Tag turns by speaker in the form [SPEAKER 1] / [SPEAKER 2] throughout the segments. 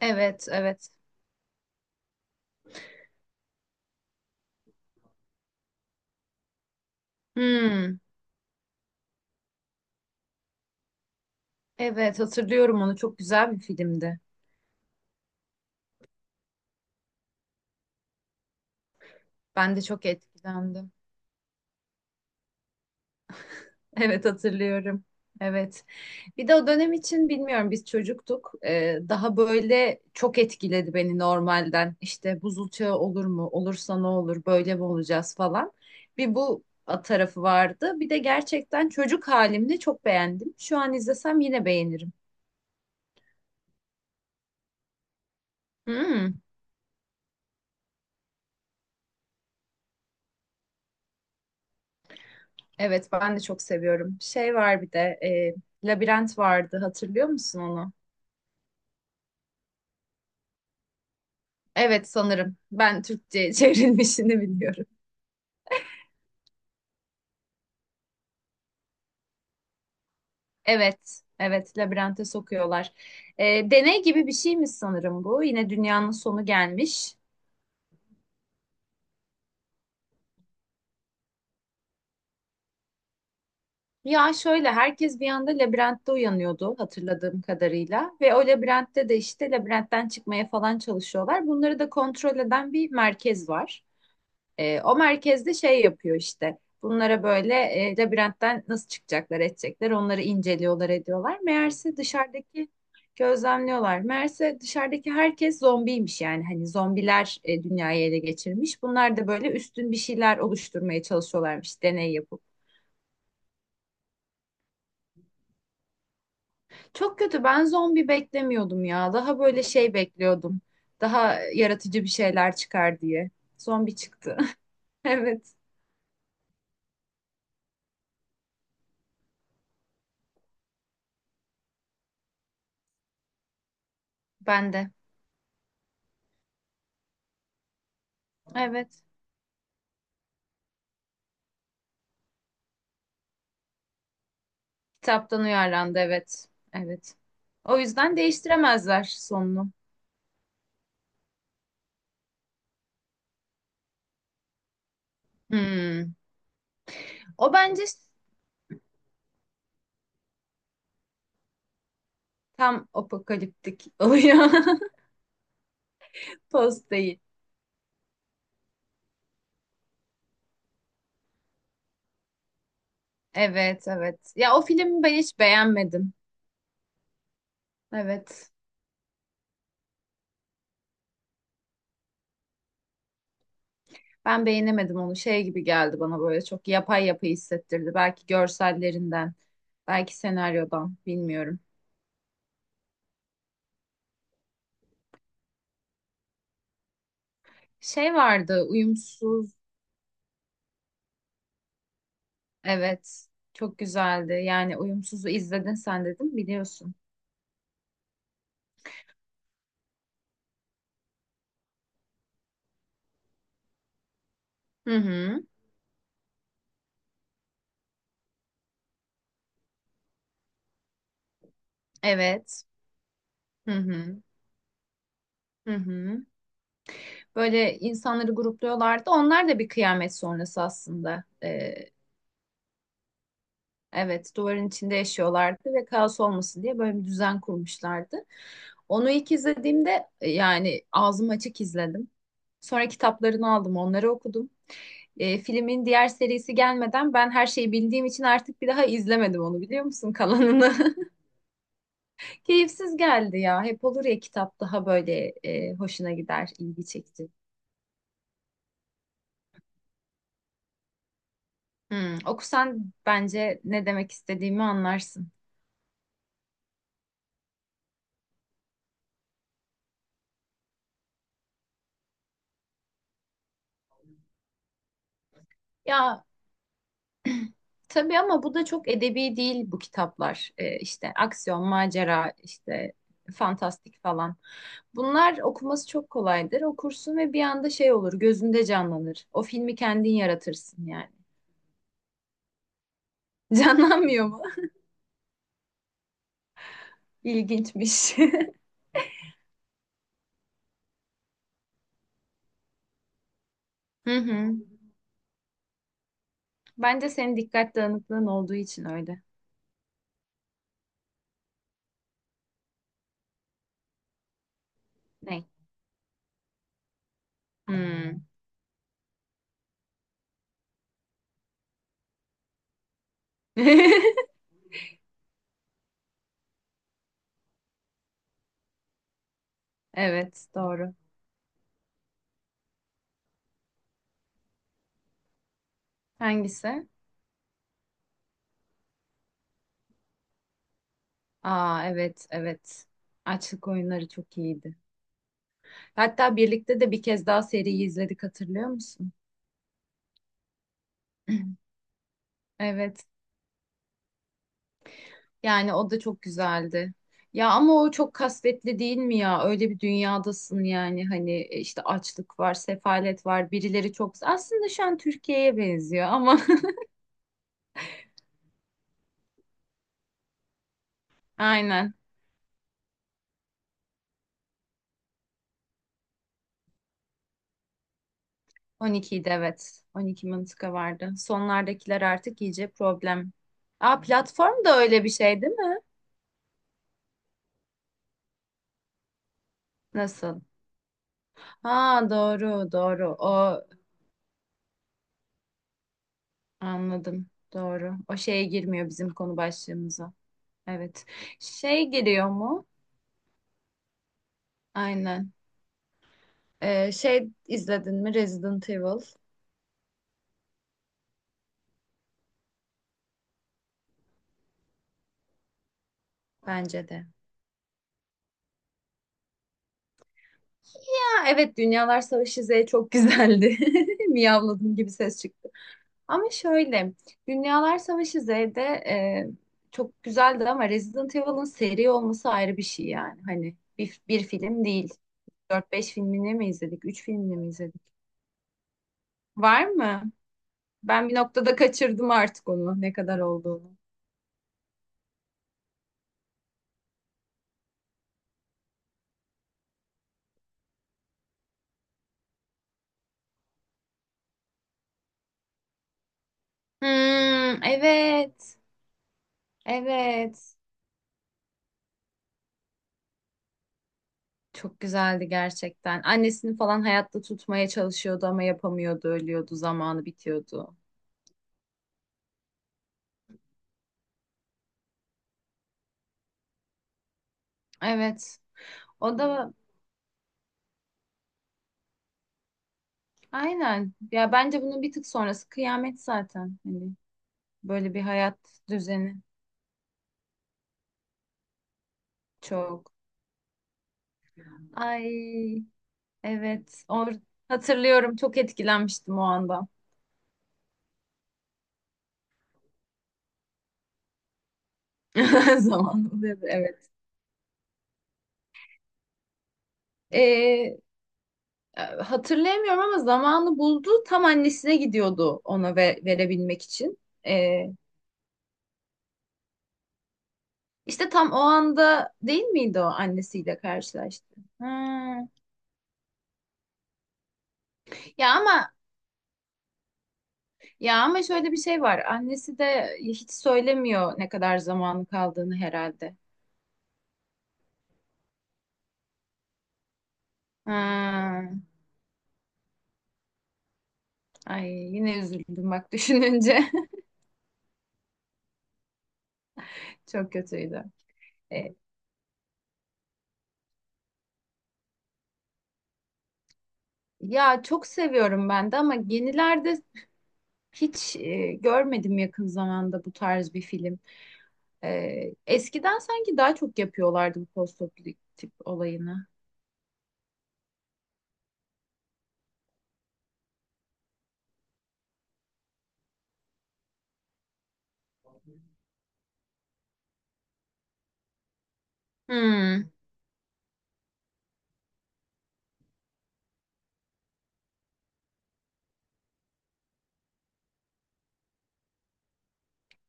[SPEAKER 1] Evet, evet. Hmm, evet hatırlıyorum onu. Çok güzel bir filmdi. Ben de çok etkilendim. Evet hatırlıyorum. Evet. Bir de o dönem için bilmiyorum biz çocuktuk. Daha böyle çok etkiledi beni normalden. İşte buzul çağı olur mu? Olursa ne olur? Böyle mi olacağız falan. Bir bu tarafı vardı. Bir de gerçekten çocuk halimde çok beğendim. Şu an izlesem yine beğenirim. Hmm. Evet, ben de çok seviyorum. Şey var bir de, Labirent vardı. Hatırlıyor musun onu? Evet, sanırım. Ben Türkçe çevrilmişini biliyorum. Evet, evet, labirente sokuyorlar. E, Deney gibi bir şey mi sanırım bu? Yine dünyanın sonu gelmiş. Ya şöyle, herkes bir anda labirentte uyanıyordu hatırladığım kadarıyla. Ve o labirentte de işte labirentten çıkmaya falan çalışıyorlar. Bunları da kontrol eden bir merkez var. O merkezde şey yapıyor işte. Bunlara böyle labirentten nasıl çıkacaklar, edecekler, onları inceliyorlar, ediyorlar. Meğerse dışarıdaki gözlemliyorlar. Meğerse dışarıdaki herkes zombiymiş yani. Hani zombiler dünyayı ele geçirmiş. Bunlar da böyle üstün bir şeyler oluşturmaya çalışıyorlarmış, deney yapıp. Çok kötü. Ben zombi beklemiyordum ya. Daha böyle şey bekliyordum. Daha yaratıcı bir şeyler çıkar diye. Zombi çıktı. Evet, ben de. Evet. Kitaptan uyarlandı evet. Evet. O yüzden değiştiremezler sonunu. Hmm. O bence tam apokaliptik oluyor. Post değil. Evet, evet. Ya o filmi ben hiç beğenmedim. Evet. Ben beğenemedim onu. Şey gibi geldi bana, böyle çok yapay yapay hissettirdi. Belki görsellerinden, belki senaryodan, bilmiyorum. Şey vardı, uyumsuz. Evet. Çok güzeldi. Yani uyumsuzu izledin sen, dedim, biliyorsun. Hı hı. Evet. Hı hı. Hı hı. Böyle insanları grupluyorlardı. Onlar da bir kıyamet sonrası aslında. Evet, duvarın içinde yaşıyorlardı ve kaos olmasın diye böyle bir düzen kurmuşlardı. Onu ilk izlediğimde yani ağzım açık izledim. Sonra kitaplarını aldım, onları okudum. Filmin diğer serisi gelmeden ben her şeyi bildiğim için artık bir daha izlemedim onu, biliyor musun, kalanını. Keyifsiz geldi ya. Hep olur ya, kitap daha böyle hoşuna gider, ilgi çekici. Okusan bence ne demek istediğimi anlarsın. Ya tabii, ama bu da çok edebi değil bu kitaplar. İşte aksiyon, macera, işte fantastik falan. Bunlar okuması çok kolaydır. Okursun ve bir anda şey olur, gözünde canlanır. O filmi kendin yaratırsın yani. Canlanmıyor mu? İlginçmiş. Hı hı. Bence senin dikkat dağınıklığın olduğu için öyle. Ne? Hmm. Evet, doğru. Hangisi? Aa, evet, evet. Açlık oyunları çok iyiydi. Hatta birlikte de bir kez daha seriyi izledik, hatırlıyor musun? Evet. Yani o da çok güzeldi. Ya ama o çok kasvetli değil mi ya? Öyle bir dünyadasın yani, hani işte açlık var, sefalet var, birileri çok... Aslında şu an Türkiye'ye benziyor ama aynen. 12'ydi, evet. 12 mıntıka vardı. Sonlardakiler artık iyice problem. Aa, platform da öyle bir şey değil mi? Nasıl? Ha, doğru doğru. O, anladım, doğru, o şeye girmiyor bizim konu başlığımıza. Evet, şey giriyor mu? Aynen. Şey, izledin mi Resident Evil? Bence de. Ha, evet, Dünyalar Savaşı Z çok güzeldi. Miyavladım gibi ses çıktı. Ama şöyle, Dünyalar Savaşı Z'de çok güzeldi, ama Resident Evil'ın seri olması ayrı bir şey, yani hani bir film değil. 4-5 filmini mi izledik, 3 filmini mi izledik? Var mı? Ben bir noktada kaçırdım artık onu. Ne kadar olduğunu. Hmm, evet. Evet. Çok güzeldi gerçekten. Annesini falan hayatta tutmaya çalışıyordu ama yapamıyordu, ölüyordu, zamanı bitiyordu. Evet. O da aynen. Ya bence bunun bir tık sonrası kıyamet zaten. Hani böyle bir hayat düzeni çok. Ay, evet. Hatırlıyorum. Çok etkilenmiştim o anda. Zamanında, evet. Ee. Hatırlayamıyorum ama zamanı buldu. Tam annesine gidiyordu ona ve verebilmek için. E, işte tam o anda değil miydi o annesiyle karşılaştı? Ha. Ya ama ya ama şöyle bir şey var. Annesi de hiç söylemiyor ne kadar zamanı kaldığını, herhalde. Ha. Ay, yine üzüldüm bak düşününce. Çok kötüydü. E, Ya çok seviyorum ben de, ama yenilerde hiç görmedim yakın zamanda bu tarz bir film. Eskiden sanki daha çok yapıyorlardı bu postoperatif tip olayını. Hmm,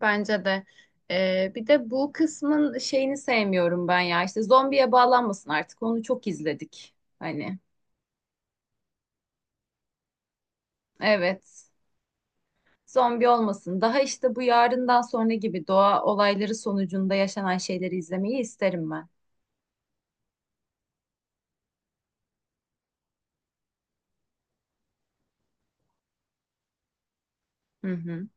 [SPEAKER 1] bence de. Bir de bu kısmın şeyini sevmiyorum ben ya. İşte zombiye bağlanmasın artık. Onu çok izledik. Hani, evet. Zombi olmasın. Daha işte bu yarından sonra gibi doğa olayları sonucunda yaşanan şeyleri izlemeyi isterim ben. Hı hı.